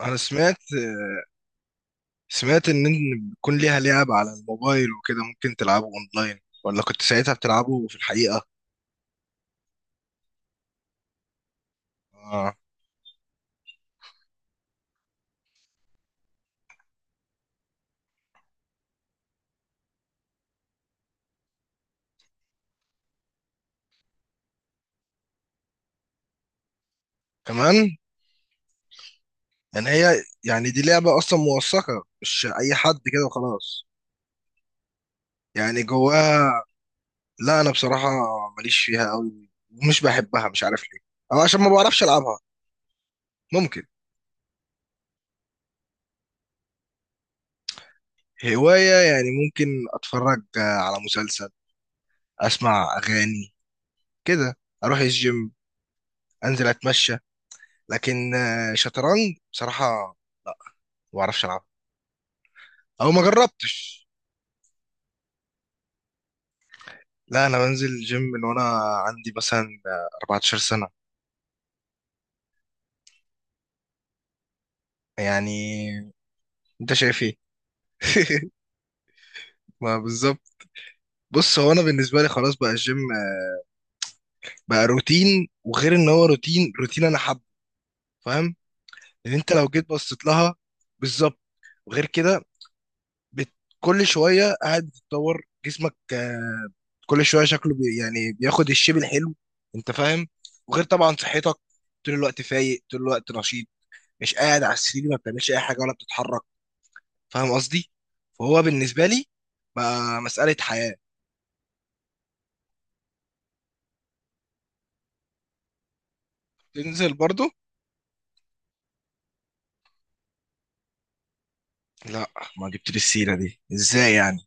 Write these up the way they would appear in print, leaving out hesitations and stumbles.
انا سمعت إن بيكون ليها لعب على الموبايل وكده ممكن تلعبه اونلاين ولا كنت ساعتها بتلعبه في الحقيقة. آه. كمان يعني هي يعني دي لعبة اصلا موثقة مش اي حد كده وخلاص يعني جواها. لا انا بصراحة ماليش فيها قوي ومش بحبها مش عارف ليه او عشان ما بعرفش العبها ممكن. هواية يعني ممكن اتفرج على مسلسل اسمع اغاني كده اروح الجيم انزل اتمشى لكن شطرنج بصراحة ما بعرفش ألعب أو ما جربتش. لا أنا بنزل جيم من وأنا عندي مثلا 14 سنة يعني. أنت شايف إيه؟ ما بالظبط. بص هو أنا بالنسبة لي خلاص بقى الجيم بقى روتين وغير إن هو روتين روتين أنا حابه. فاهم لأن أنت لو جيت بصيت لها بالظبط. وغير كده بت... كل شوية قاعد بتتطور جسمك. كل شويه شكله يعني بياخد الشيب الحلو. انت فاهم. وغير طبعا صحتك طول الوقت فايق طول الوقت نشيط مش قاعد على السرير ما بتعملش اي حاجه ولا بتتحرك. فاهم قصدي. فهو بالنسبه لي بقى مساله حياه. تنزل برضه. لا ما جبت لي السيره دي ازاي يعني.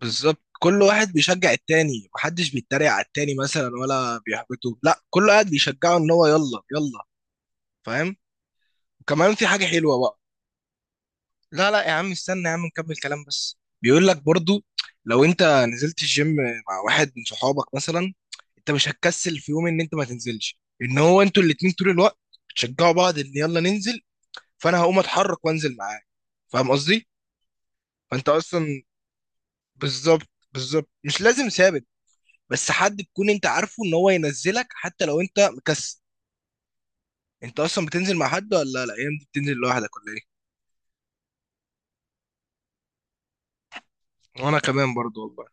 بالظبط كل واحد بيشجع التاني محدش بيتريق على التاني مثلا ولا بيحبطه لا كل واحد بيشجعه ان هو يلا يلا. فاهم. وكمان في حاجه حلوه بقى. لا لا يا عم استنى يا عم نكمل كلام بس بيقول لك برضو. لو انت نزلت الجيم مع واحد من صحابك مثلا انت مش هتكسل في يوم ان انت ما تنزلش ان هو انتوا الاتنين طول الوقت بتشجعوا بعض ان يلا ننزل فانا هقوم اتحرك وانزل معاك. فاهم قصدي. فانت اصلا بالظبط بالظبط مش لازم ثابت. بس حد تكون انت عارفه ان هو ينزلك حتى لو انت مكسل. انت اصلا بتنزل مع حد ولا الايام دي بتنزل لوحدك ولا ايه. وانا كمان برضو والله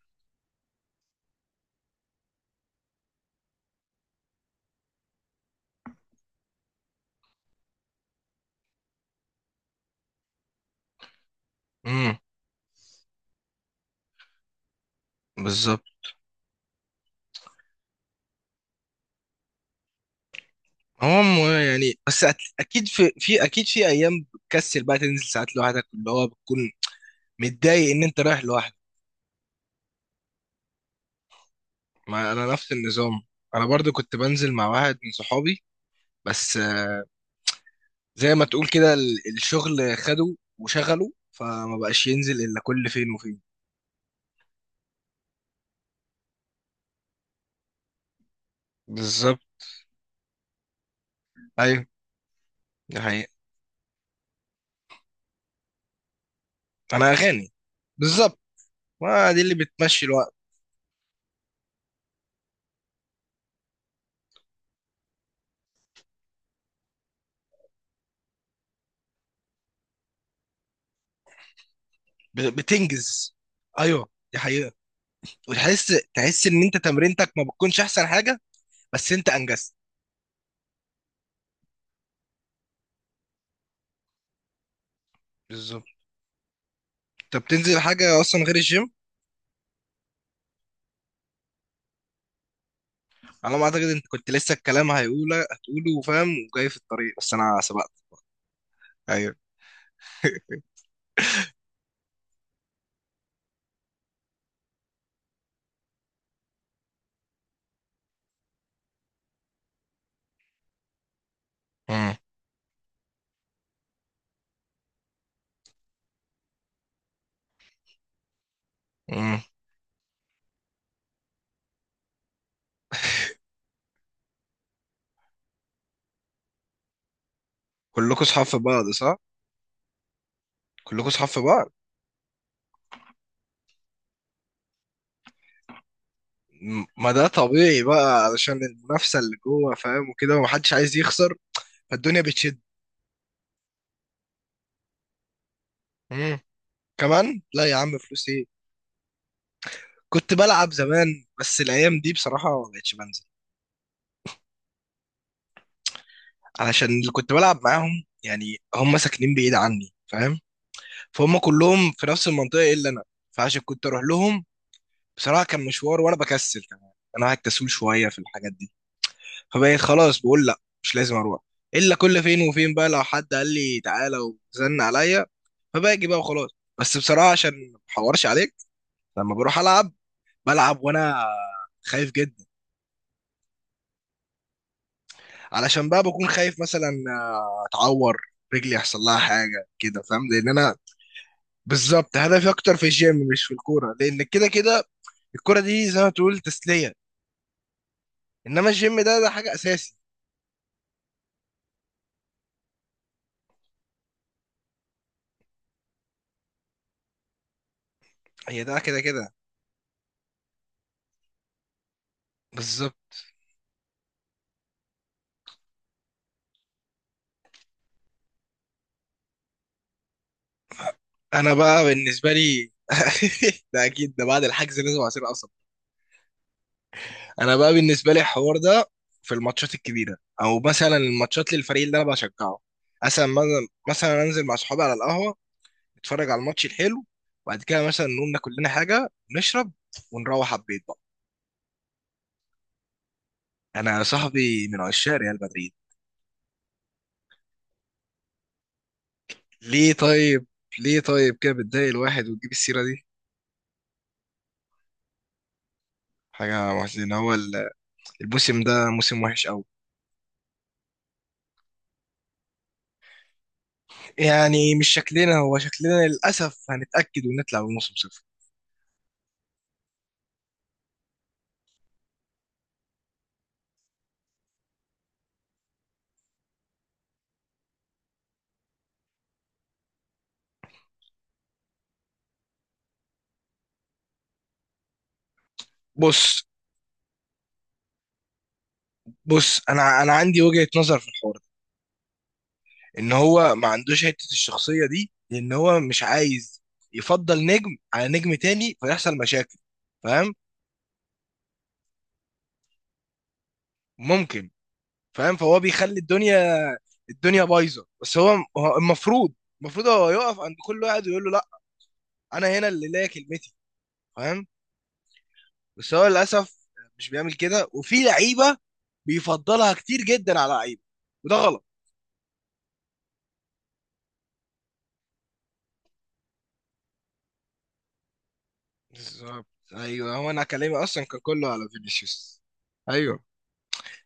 امم بالظبط. هم يعني بس اكيد في ايام بتكسل بقى تنزل ساعات لوحدك اللي هو بتكون متضايق ان انت رايح لوحدك. ما انا نفس النظام. انا برضو كنت بنزل مع واحد من صحابي بس زي ما تقول كده الشغل خده وشغله فما بقاش ينزل الا كل فين وفين. بالظبط. ايوه دي حقيقة. انا اغاني. بالظبط ما دي اللي بتمشي الوقت. بتنجز. ايوه دي حقيقة. وتحس ان انت تمرينتك ما بتكونش احسن حاجة بس انت انجزت. بالظبط. طب تنزل حاجة أصلا غير الجيم؟ على ما أعتقد أنت كنت لسه الكلام هيقوله هتقوله فاهم وجاي في الطريق بس أنا سبقت. أيوه. امم. امم. كلكم صحاب في بعض صح؟ كلكم صحاب في بعض. ما ده طبيعي بقى علشان المنافسة اللي جوه فاهم وكده ومحدش عايز يخسر فالدنيا بتشد. امم. كمان لا يا عم فلوس إيه؟ كنت بلعب زمان بس الأيام دي بصراحة ما بقتش بنزل علشان اللي كنت بلعب معاهم يعني هم ساكنين بعيد عني فاهم؟ فهم كلهم في نفس المنطقة إلا أنا فعشان كنت أروح لهم بصراحه كان مشوار وانا بكسل كمان. انا قاعد كسول شويه في الحاجات دي فبقيت خلاص بقول لا مش لازم اروح الا كل فين وفين بقى لو حد قال لي تعالى وزن عليا فباجي بقى وخلاص. بس بصراحه عشان ما احورش عليك لما بروح العب بلعب وانا خايف جدا. علشان بقى بكون خايف مثلا اتعور رجلي يحصل لها حاجه كده فاهم لان انا بالظبط. هدفي اكتر في الجيم مش في الكوره لان كده كده الكوره دي زي ما تقول تسليه انما الجيم ده حاجه اساسي. هي ده كده كده بالظبط. انا بقى بالنسبه لي ده اكيد ده بعد الحجز لازم عصير قصب. انا بقى بالنسبه لي الحوار ده في الماتشات الكبيره او مثلا الماتشات للفريق اللي انا بشجعه مثلا مثلا انزل مع صحابي على القهوه نتفرج على الماتش الحلو وبعد كده مثلا نقوم ناكل لنا حاجه نشرب ونروح على البيت بقى. انا صاحبي من عشاق ريال مدريد. ليه طيب؟ ليه طيب كده بتضايق الواحد وتجيب السيره دي. حاجه محزنه هو الموسم ده موسم وحش. يعني مش شكلنا هو شكلنا للأسف هنتأكد ونطلع بموسم صفر. بص بص أنا عندي وجهة نظر في الحوار ده. إن هو ما عندوش حتة الشخصية دي لأن هو مش عايز يفضل نجم على نجم تاني فيحصل مشاكل. فاهم. ممكن. فاهم فهو بيخلي الدنيا بايظة. بس هو المفروض هو يقف عند كل واحد ويقول له لا أنا هنا اللي ليا كلمتي. فاهم. بس هو للأسف مش بيعمل كده وفي لعيبة بيفضلها كتير جدا على لعيبة وده غلط. بالظبط. ايوه هو انا كلامي اصلا كان كله على فينيسيوس. ايوه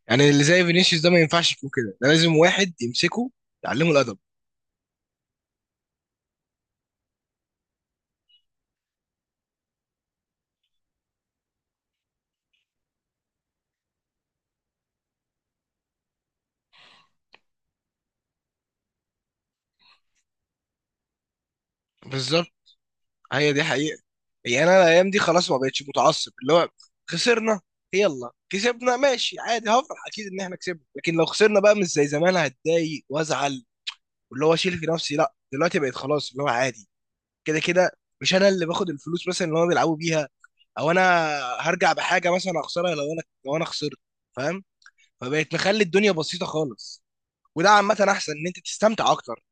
يعني اللي زي فينيسيوس ده ما ينفعش يكون كده ده لازم واحد يمسكه يعلمه الادب. بالظبط. هي دي حقيقه. يعني انا الايام دي خلاص ما بقتش متعصب اللي هو خسرنا يلا كسبنا ماشي عادي هفرح اكيد ان احنا كسبنا لكن لو خسرنا بقى مش زي زمان هتضايق وازعل واللي هو اشيل في نفسي لا دلوقتي بقيت خلاص اللي هو عادي كده كده مش انا اللي باخد الفلوس مثلا اللي هم بيلعبوا بيها او انا هرجع بحاجه مثلا اخسرها لو انا خسرت. فاهم. فبقت مخلي الدنيا بسيطة خالص وده عامة أحسن إن أنت تستمتع أكتر.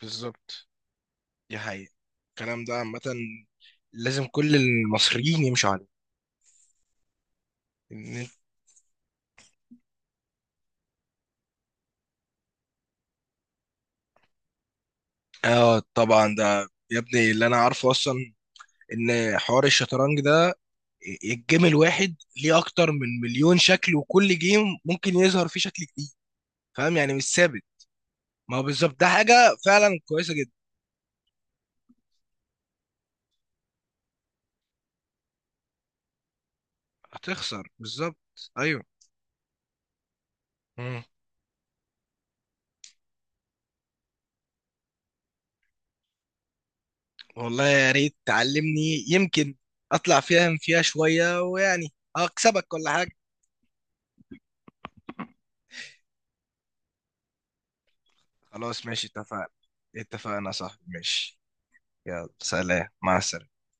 بالظبط دي حقيقة الكلام ده عامة لازم كل المصريين يمشوا عليه. إن أنت... آه طبعا ده يا ابني اللي أنا عارفه أصلا. إن حوار الشطرنج ده الجيم الواحد ليه أكتر من مليون شكل وكل جيم ممكن يظهر فيه شكل جديد. فاهم يعني مش ثابت. ما هو بالظبط ده حاجة فعلا كويسة جدا. هتخسر بالظبط أيوه. مم. والله يا ريت تعلمني يمكن اطلع فاهم فيها شوية ويعني اكسبك ولا حاجة. خلاص ماشي اتفقنا. اتفقنا يا صاحبي ماشي. يلا سلام. مع السلامة.